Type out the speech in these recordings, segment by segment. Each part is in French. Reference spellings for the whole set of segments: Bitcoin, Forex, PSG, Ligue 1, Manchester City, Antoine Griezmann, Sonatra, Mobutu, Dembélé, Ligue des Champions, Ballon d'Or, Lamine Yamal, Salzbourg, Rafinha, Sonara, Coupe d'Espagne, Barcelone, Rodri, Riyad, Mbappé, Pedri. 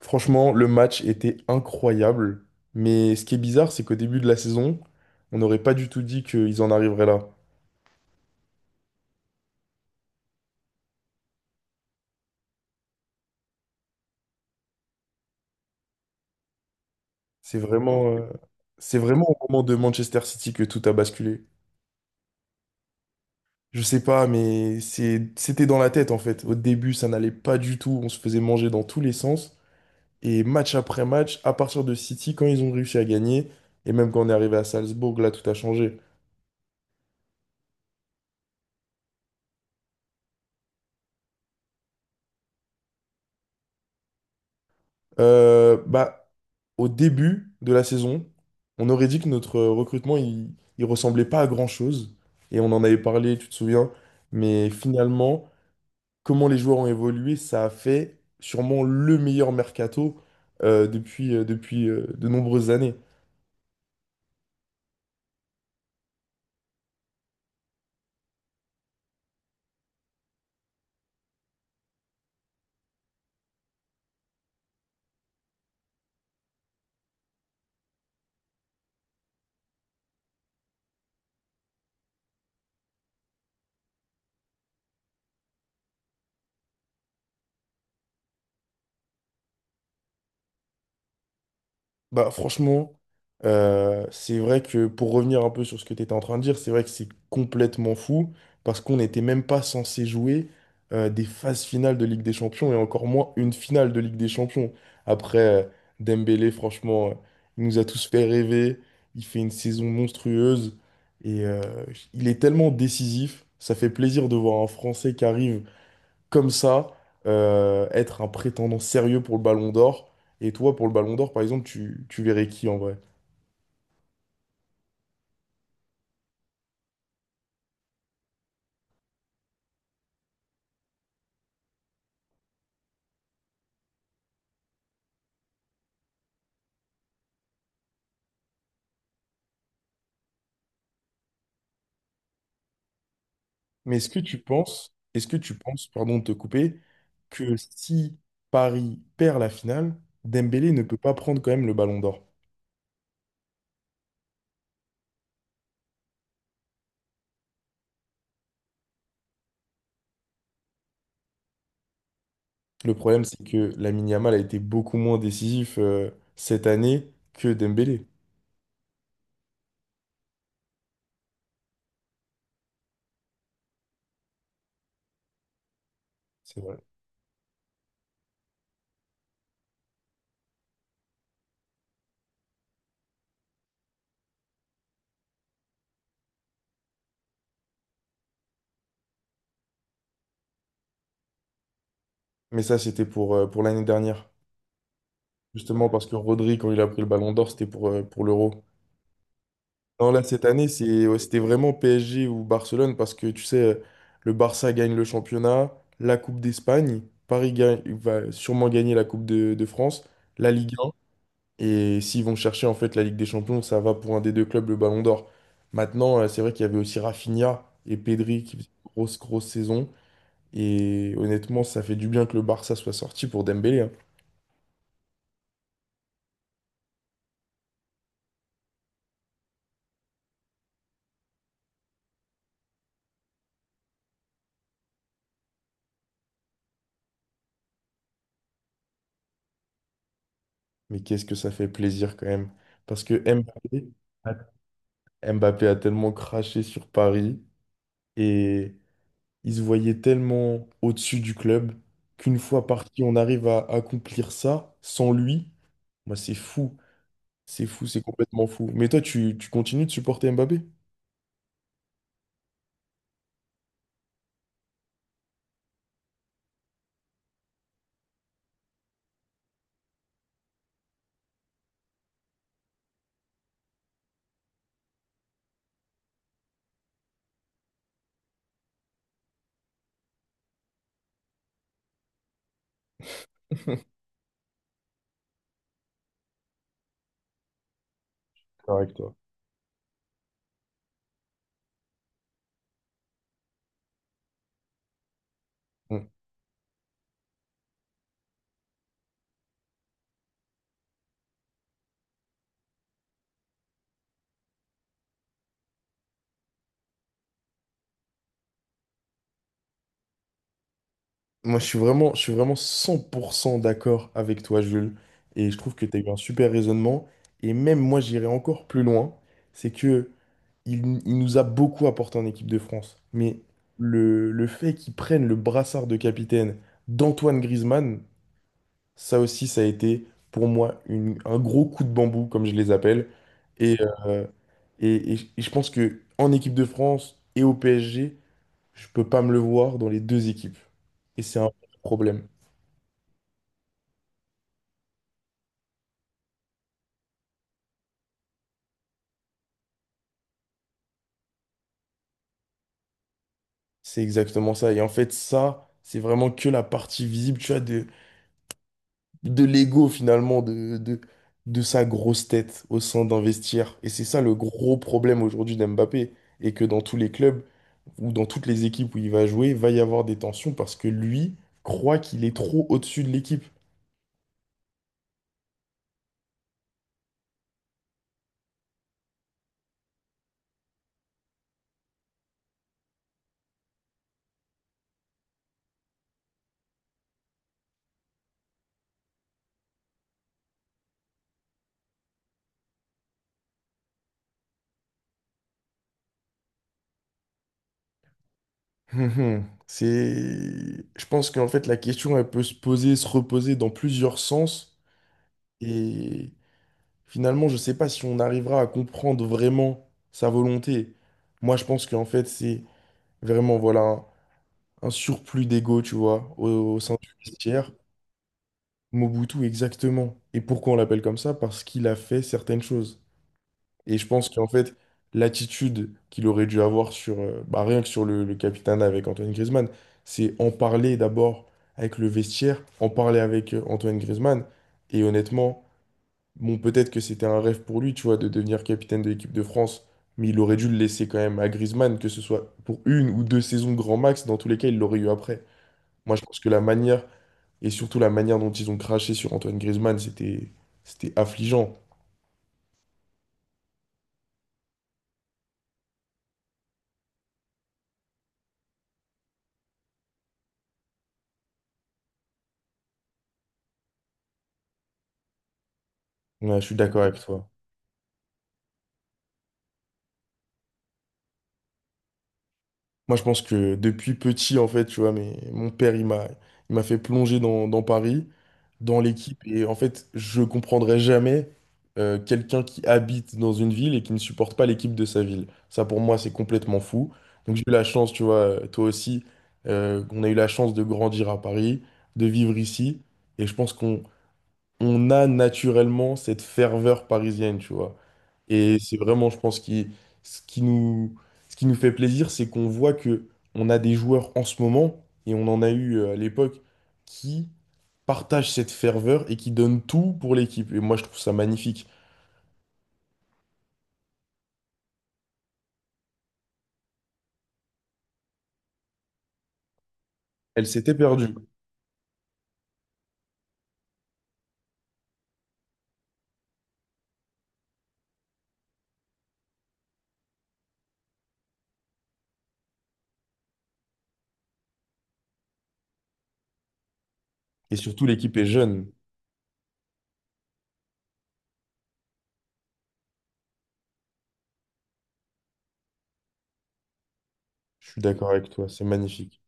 Franchement, le match était incroyable. Mais ce qui est bizarre, c'est qu'au début de la saison, on n'aurait pas du tout dit qu'ils en arriveraient là. C'est vraiment, euh, c'est vraiment au moment de Manchester City que tout a basculé. Je sais pas, c'était dans la tête en fait. Au début, ça n'allait pas du tout. On se faisait manger dans tous les sens. Et match après match, à partir de City, quand ils ont réussi à gagner, et même quand on est arrivé à Salzbourg, là, tout a changé. Bah, au début de la saison, on aurait dit que notre recrutement, il ressemblait pas à grand-chose. Et on en avait parlé, tu te souviens. Mais finalement, comment les joueurs ont évolué, ça a fait sûrement le meilleur mercato depuis de nombreuses années. Bah, franchement, c'est vrai que pour revenir un peu sur ce que tu étais en train de dire, c'est vrai que c'est complètement fou parce qu'on n'était même pas censé jouer des phases finales de Ligue des Champions et encore moins une finale de Ligue des Champions. Après, Dembélé, franchement, il nous a tous fait rêver. Il fait une saison monstrueuse et il est tellement décisif. Ça fait plaisir de voir un Français qui arrive comme ça, être un prétendant sérieux pour le Ballon d'Or. Et toi, pour le Ballon d'Or, par exemple, tu verrais qui en vrai? Mais est-ce que tu penses, pardon de te couper, que si Paris perd la finale, Dembélé ne peut pas prendre quand même le Ballon d'Or? Le problème, c'est que Lamine Yamal a été beaucoup moins décisif cette année que Dembélé. C'est vrai. Mais ça, c'était pour l'année dernière. Justement parce que Rodri, quand il a pris le Ballon d'Or, c'était pour l'Euro. Non, là, cette année, ouais, c'était vraiment PSG ou Barcelone parce que tu sais, le Barça gagne le championnat, la Coupe d'Espagne, Paris gagne, va sûrement gagner la Coupe de France, la Ligue 1. Et s'ils vont chercher en fait la Ligue des Champions, ça va pour un des deux clubs, le Ballon d'Or. Maintenant, c'est vrai qu'il y avait aussi Rafinha et Pedri qui faisaient une grosse, grosse saison. Et honnêtement, ça fait du bien que le Barça soit sorti pour Dembélé, hein. Mais qu'est-ce que ça fait plaisir quand même. Parce que Mbappé, Mbappé a tellement craché sur Paris. Et ils se voyaient tellement au-dessus du club qu'une fois parti, on arrive à accomplir ça sans lui. Moi, c'est fou. C'est fou, c'est complètement fou. Mais toi, tu continues de supporter Mbappé? Correct, toi. Mm. Moi, je suis vraiment 100% d'accord avec toi, Jules. Et je trouve que tu as eu un super raisonnement. Et même moi, j'irais encore plus loin. C'est que il nous a beaucoup apporté en équipe de France. Mais le fait qu'il prenne le brassard de capitaine d'Antoine Griezmann, ça aussi, ça a été pour moi un gros coup de bambou, comme je les appelle. Et, euh, et je pense que en équipe de France et au PSG, je peux pas me le voir dans les deux équipes. Et c'est un problème. C'est exactement ça. Et en fait, ça, c'est vraiment que la partie visible, tu vois, de l'ego finalement de sa grosse tête au sein d'investir. Et c'est ça le gros problème aujourd'hui d'Mbappé. Et que dans tous les clubs ou dans toutes les équipes où il va jouer, va y avoir des tensions parce que lui croit qu'il est trop au-dessus de l'équipe. C'est... Je pense qu'en fait, la question, elle peut se poser, se reposer dans plusieurs sens. Et finalement, je ne sais pas si on arrivera à comprendre vraiment sa volonté. Moi, je pense qu'en fait, c'est vraiment, voilà, un surplus d'ego, tu vois, au sein du vestiaire. Mobutu, exactement. Et pourquoi on l'appelle comme ça? Parce qu'il a fait certaines choses. Et je pense qu'en fait, l'attitude qu'il aurait dû avoir sur, bah, rien que sur le capitana avec Antoine Griezmann, c'est en parler d'abord avec le vestiaire, en parler avec Antoine Griezmann. Et honnêtement, bon, peut-être que c'était un rêve pour lui, tu vois, de devenir capitaine de l'équipe de France. Mais il aurait dû le laisser quand même à Griezmann, que ce soit pour une ou deux saisons grand max, dans tous les cas, il l'aurait eu après. Moi, je pense que la manière et surtout, la manière dont ils ont craché sur Antoine Griezmann, c'était affligeant. Ouais, je suis d'accord avec toi. Moi, je pense que depuis petit, en fait, tu vois, mais mon père, il m'a fait plonger dans Paris, dans l'équipe. Et en fait, je comprendrai jamais quelqu'un qui habite dans une ville et qui ne supporte pas l'équipe de sa ville. Ça, pour moi, c'est complètement fou. Donc, j'ai eu la chance, tu vois, toi aussi, on a eu la chance de grandir à Paris, de vivre ici. Et je pense qu'on a naturellement cette ferveur parisienne, tu vois. Et c'est vraiment, je pense, qui, ce qui nous, ce qui nous fait plaisir, c'est qu'on voit que on a des joueurs en ce moment, et on en a eu à l'époque, qui partagent cette ferveur et qui donnent tout pour l'équipe. Et moi, je trouve ça magnifique. Elle s'était perdue. Et surtout, l'équipe est jeune. Je suis d'accord avec toi, c'est magnifique.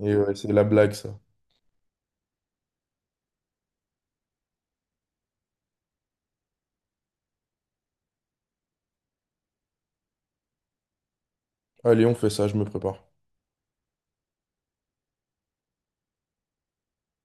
Et ouais, c'est la blague, ça. Allez, on fait ça, je me prépare.